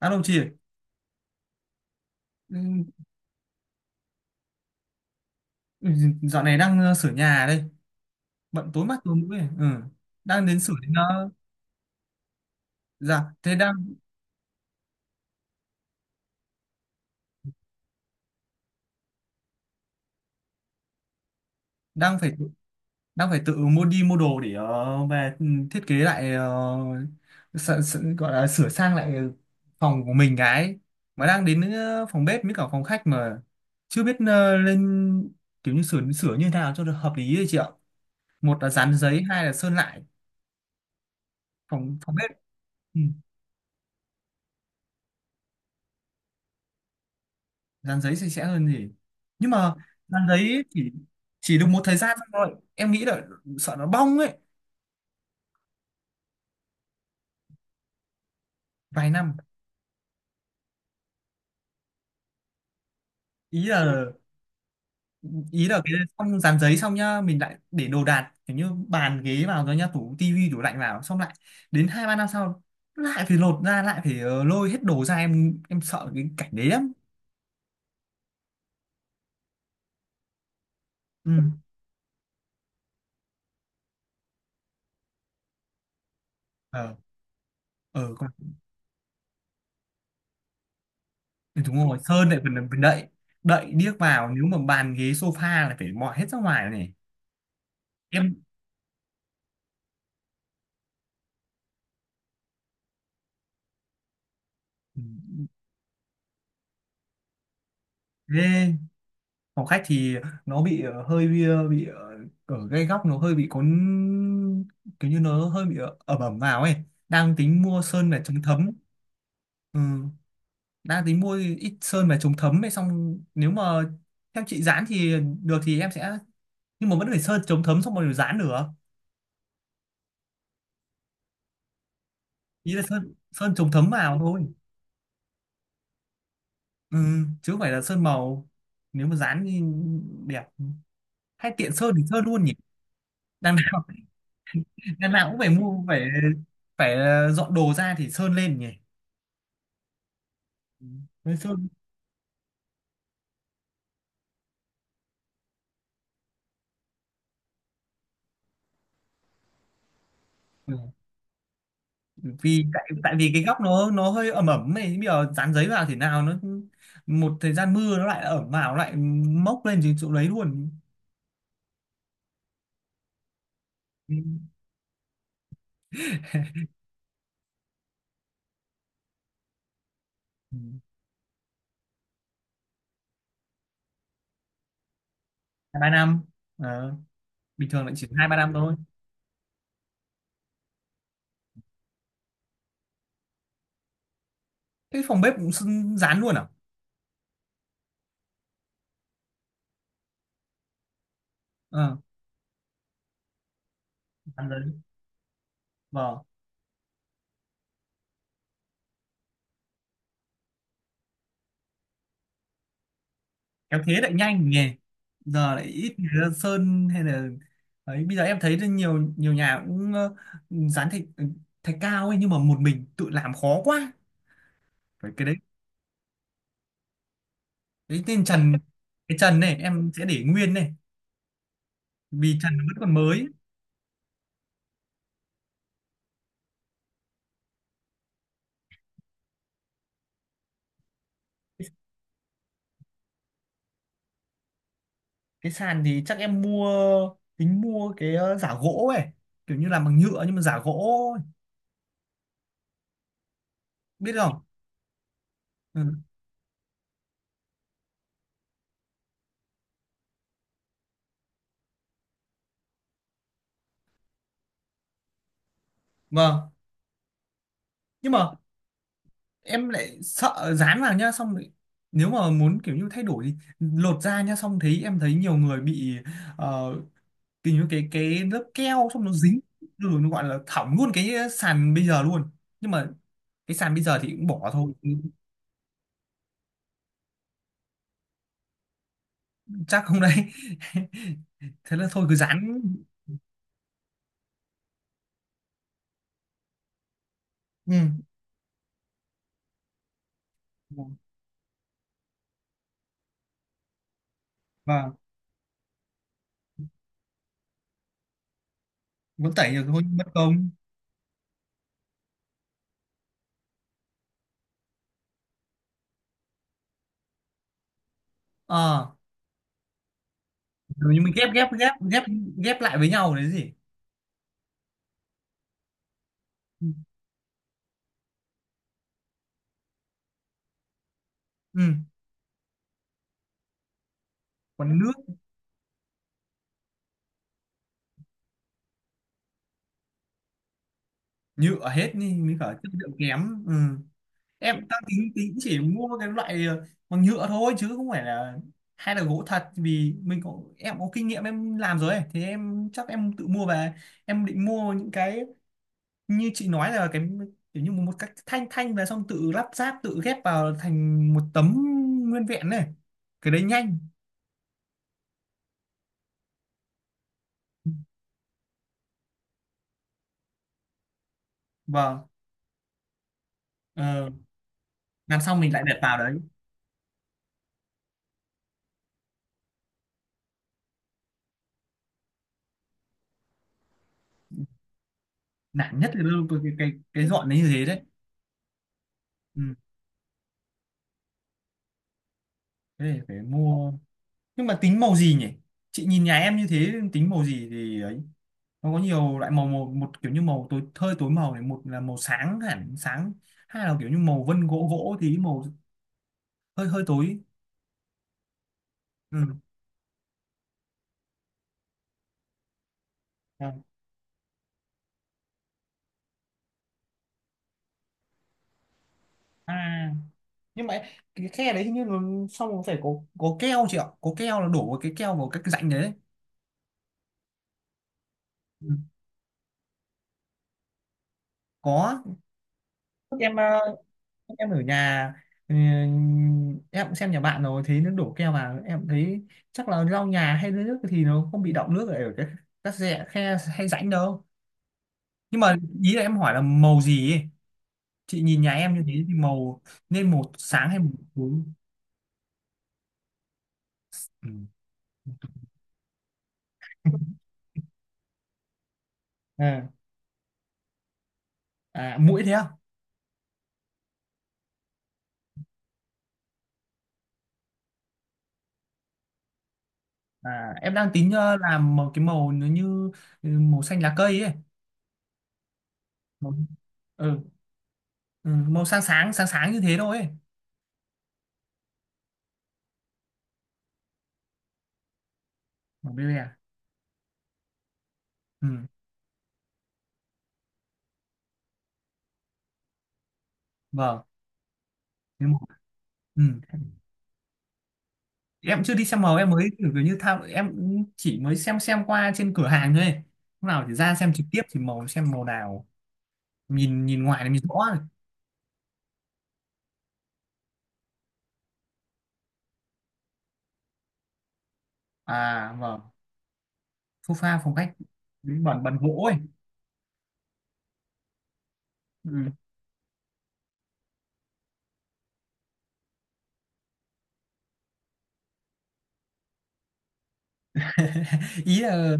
Alo chị ạ. Ừ, ừ, dạo này đang sửa nhà đây, bận tối mắt tối mũi. Ừ. Đang đến sửa đến, dạ thế đang, đang phải đang phải tự mua, đi mua đồ để, về, ừ, thiết kế lại, gọi là sửa sang lại phòng của mình. Cái mà đang đến, phòng bếp với cả phòng khách, mà chưa biết, lên kiểu như sửa sửa như thế nào cho được hợp lý đấy chị ạ. Một là dán giấy, hai là sơn lại phòng phòng bếp. Ừ. Dán giấy sạch sẽ hơn gì, nhưng mà dán giấy chỉ được một thời gian thôi, em nghĩ là sợ nó bong ấy. Vài năm. Ý là, ý là cái xong dán giấy xong nhá, mình lại để đồ đạc kiểu như bàn ghế vào rồi nhá, tủ tivi tủ lạnh vào, xong lại đến hai ba năm sau lại phải lột ra, lại phải, lôi hết đồ ra, em sợ cái cảnh đấy lắm. Ừ, ờ, ờ còn, đúng rồi, sơn lại phần phần đậy, đậy điếc vào, nếu mà bàn ghế sofa là phải mọi hết ra ngoài này. Em. Ừ. Ghê. Phòng khách thì nó bị, hơi bị, bị, ở cái góc nó hơi bị có kiểu như nó hơi bị, ẩm ẩm vào ấy. Đang tính mua sơn để chống thấm. Ừ. Đang tính mua ít sơn về chống thấm ấy, xong nếu mà theo chị dán thì được thì em sẽ, nhưng mà vẫn phải sơn chống thấm xong rồi dán được. Ý là sơn, sơn chống thấm vào thôi. Ừ. Chứ không phải là sơn màu. Nếu mà dán thì đẹp, hay tiện sơn thì sơn luôn nhỉ. Đằng nào đằng nào cũng phải mua, phải phải, dọn đồ ra thì sơn lên nhỉ. Nói chung. Ừ, vì tại tại vì cái góc nó hơi ẩm ẩm này, bây giờ dán giấy vào thế nào nó một thời gian mưa nó lại ẩm vào, nó lại mốc lên trên chỗ đấy luôn. Ừ. Ừ. Hai ba năm. Ờ, bình thường lại chỉ hai ba năm thôi. Cái phòng bếp cũng dán luôn à? Ờ, dán giấy. Vâng. Kéo thế lại nhanh nhỉ. Giờ lại ít người ra sơn hay là ấy. Bây giờ em thấy nhiều nhiều nhà cũng, dán thạch thạch cao ấy, nhưng mà một mình tự làm khó quá, phải cái đấy. Cái tên trần, cái trần này em sẽ để nguyên này, vì trần nó vẫn còn mới. Cái, sàn thì chắc em mua, tính mua cái, giả gỗ ấy, kiểu như làm bằng nhựa nhưng mà giả gỗ ấy. Biết không? Ừ. Vâng. Nhưng mà em lại sợ dán vào nhá, xong rồi nếu mà muốn kiểu như thay đổi thì lột ra nhá, xong thấy, em thấy nhiều người bị, ờ, kiểu như cái lớp keo xong nó dính rồi, nó gọi là hỏng luôn cái sàn bây giờ luôn. Nhưng mà cái sàn bây giờ thì cũng bỏ thôi. Chắc không đấy. Thế là thôi cứ dán. Ừ. Và vẫn tẩy được thôi, mất công. Ờ. Kiểu như mình ghép ghép ghép ghép ghép lại với nhau đấy gì. Ừ. Ừ. Còn nước. Nhựa hết đi mới cả chất lượng kém. Ừ. Em đang tính, tính chỉ mua cái loại, bằng nhựa thôi, chứ không phải là hay là gỗ thật, vì mình có, em có kinh nghiệm em làm rồi ấy. Thì em chắc em tự mua về. Em định mua những cái như chị nói là cái kiểu như một cách thanh thanh là xong, tự lắp ráp, tự ghép vào thành một tấm nguyên vẹn này. Cái đấy nhanh. Vâng. Ờ, làm xong mình lại đặt vào đấy. Nản nhất là cái dọn đấy như thế đấy. Ừ. Thế thì phải mua. Nhưng mà tính màu gì nhỉ? Chị nhìn nhà em như thế tính màu gì thì ấy. Nó có nhiều loại màu, một kiểu như màu tối, hơi tối màu này, một là màu sáng hẳn sáng, hai là kiểu như màu vân gỗ. Gỗ thì màu hơi hơi tối. Ừ. Vâng. À. Nhưng mà cái khe đấy hình như là xong rồi phải có keo chị ạ, có keo là đổ vào cái keo vào cái rãnh đấy. Ừ. Có. Lúc em, lúc em ở nhà, ừ, em cũng xem nhà bạn rồi thấy nó đổ keo vào, em thấy chắc là lau nhà hay lấy nước thì nó không bị đọng nước ở cái các rẽ khe hay rãnh đâu. Nhưng mà ý là em hỏi là màu gì ấy. Chị nhìn nhà em như thế thì màu nên màu sáng hay màu tối? Ừ. À, à, mũi thế à? À, em đang tính, làm một cái màu nó như, ừ, màu xanh lá cây ấy. Màu, ừ, ừ, màu sáng sáng sáng sáng như thế thôi ấy. Màu bê bè. Ừ, vâng. Cái màu-. Ừ. Em chưa đi xem màu, em mới kiểu kiểu như tham, em cũng chỉ mới xem qua trên cửa hàng thôi. Lúc nào thì ra xem trực tiếp thì màu, xem màu nào nhìn, nhìn ngoài thì mình rõ rồi. À vâng. Phô pha phong cách. Bẩn bẩn gỗ ấy. Ừ. Ý là,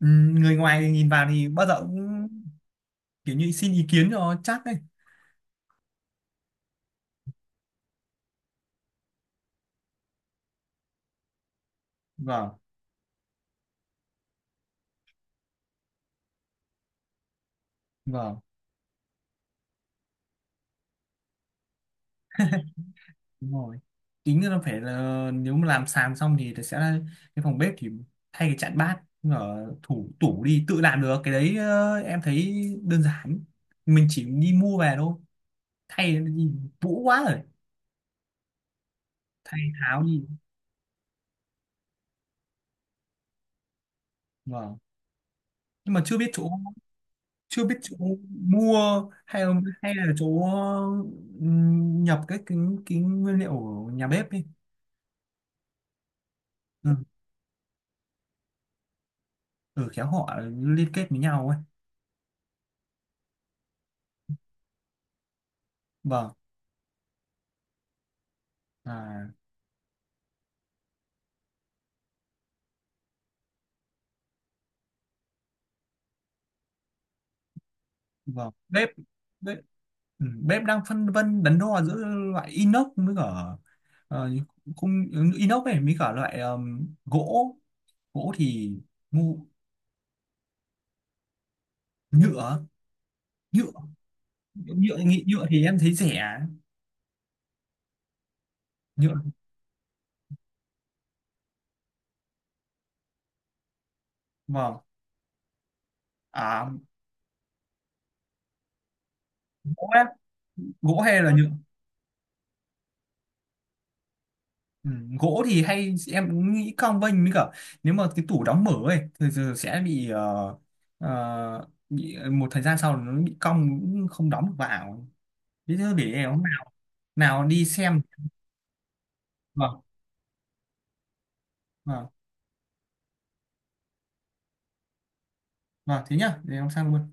ừ, người ngoài nhìn vào thì bao giờ cũng kiểu như xin ý kiến cho chắc ấy. Vâng. Vâng, đúng rồi. Tính là phải là nếu mà làm sàn xong thì sẽ là cái phòng bếp thì thay cái chặn bát ở thủ tủ đi, tự làm được cái đấy. Ờ, em thấy đơn giản, mình chỉ đi mua về thôi, thay đi. Vũ quá rồi. Thay tháo đi. Vâng. Nhưng mà chưa biết chỗ, chưa biết chỗ mua, hay là chỗ, nhập cái nguyên liệu ở nhà bếp đi. Ừ, ừ khéo họ liên kết với nhau ấy. Vâng. À vâng, bếp. Ừ, bếp đang phân vân đắn đo giữa loại inox với cả, ờ, khung, ừ, inox này với cả loại, gỗ. Gỗ thì ngu. Nhựa. Nhựa. Nhựa nghĩ, nhựa thì em thấy rẻ. Nhựa. Vâng. À. Gỗ á, gỗ hay là nhựa. Ừ, gỗ thì hay em nghĩ cong vênh với cả, nếu mà cái tủ đóng mở ấy thì giờ sẽ bị, bị một thời gian sau nó bị cong cũng không đóng được vào. Thế thôi, để em hôm nào, nào đi xem. Vâng. Vâng. Vâng, thế nhá, để em sang luôn.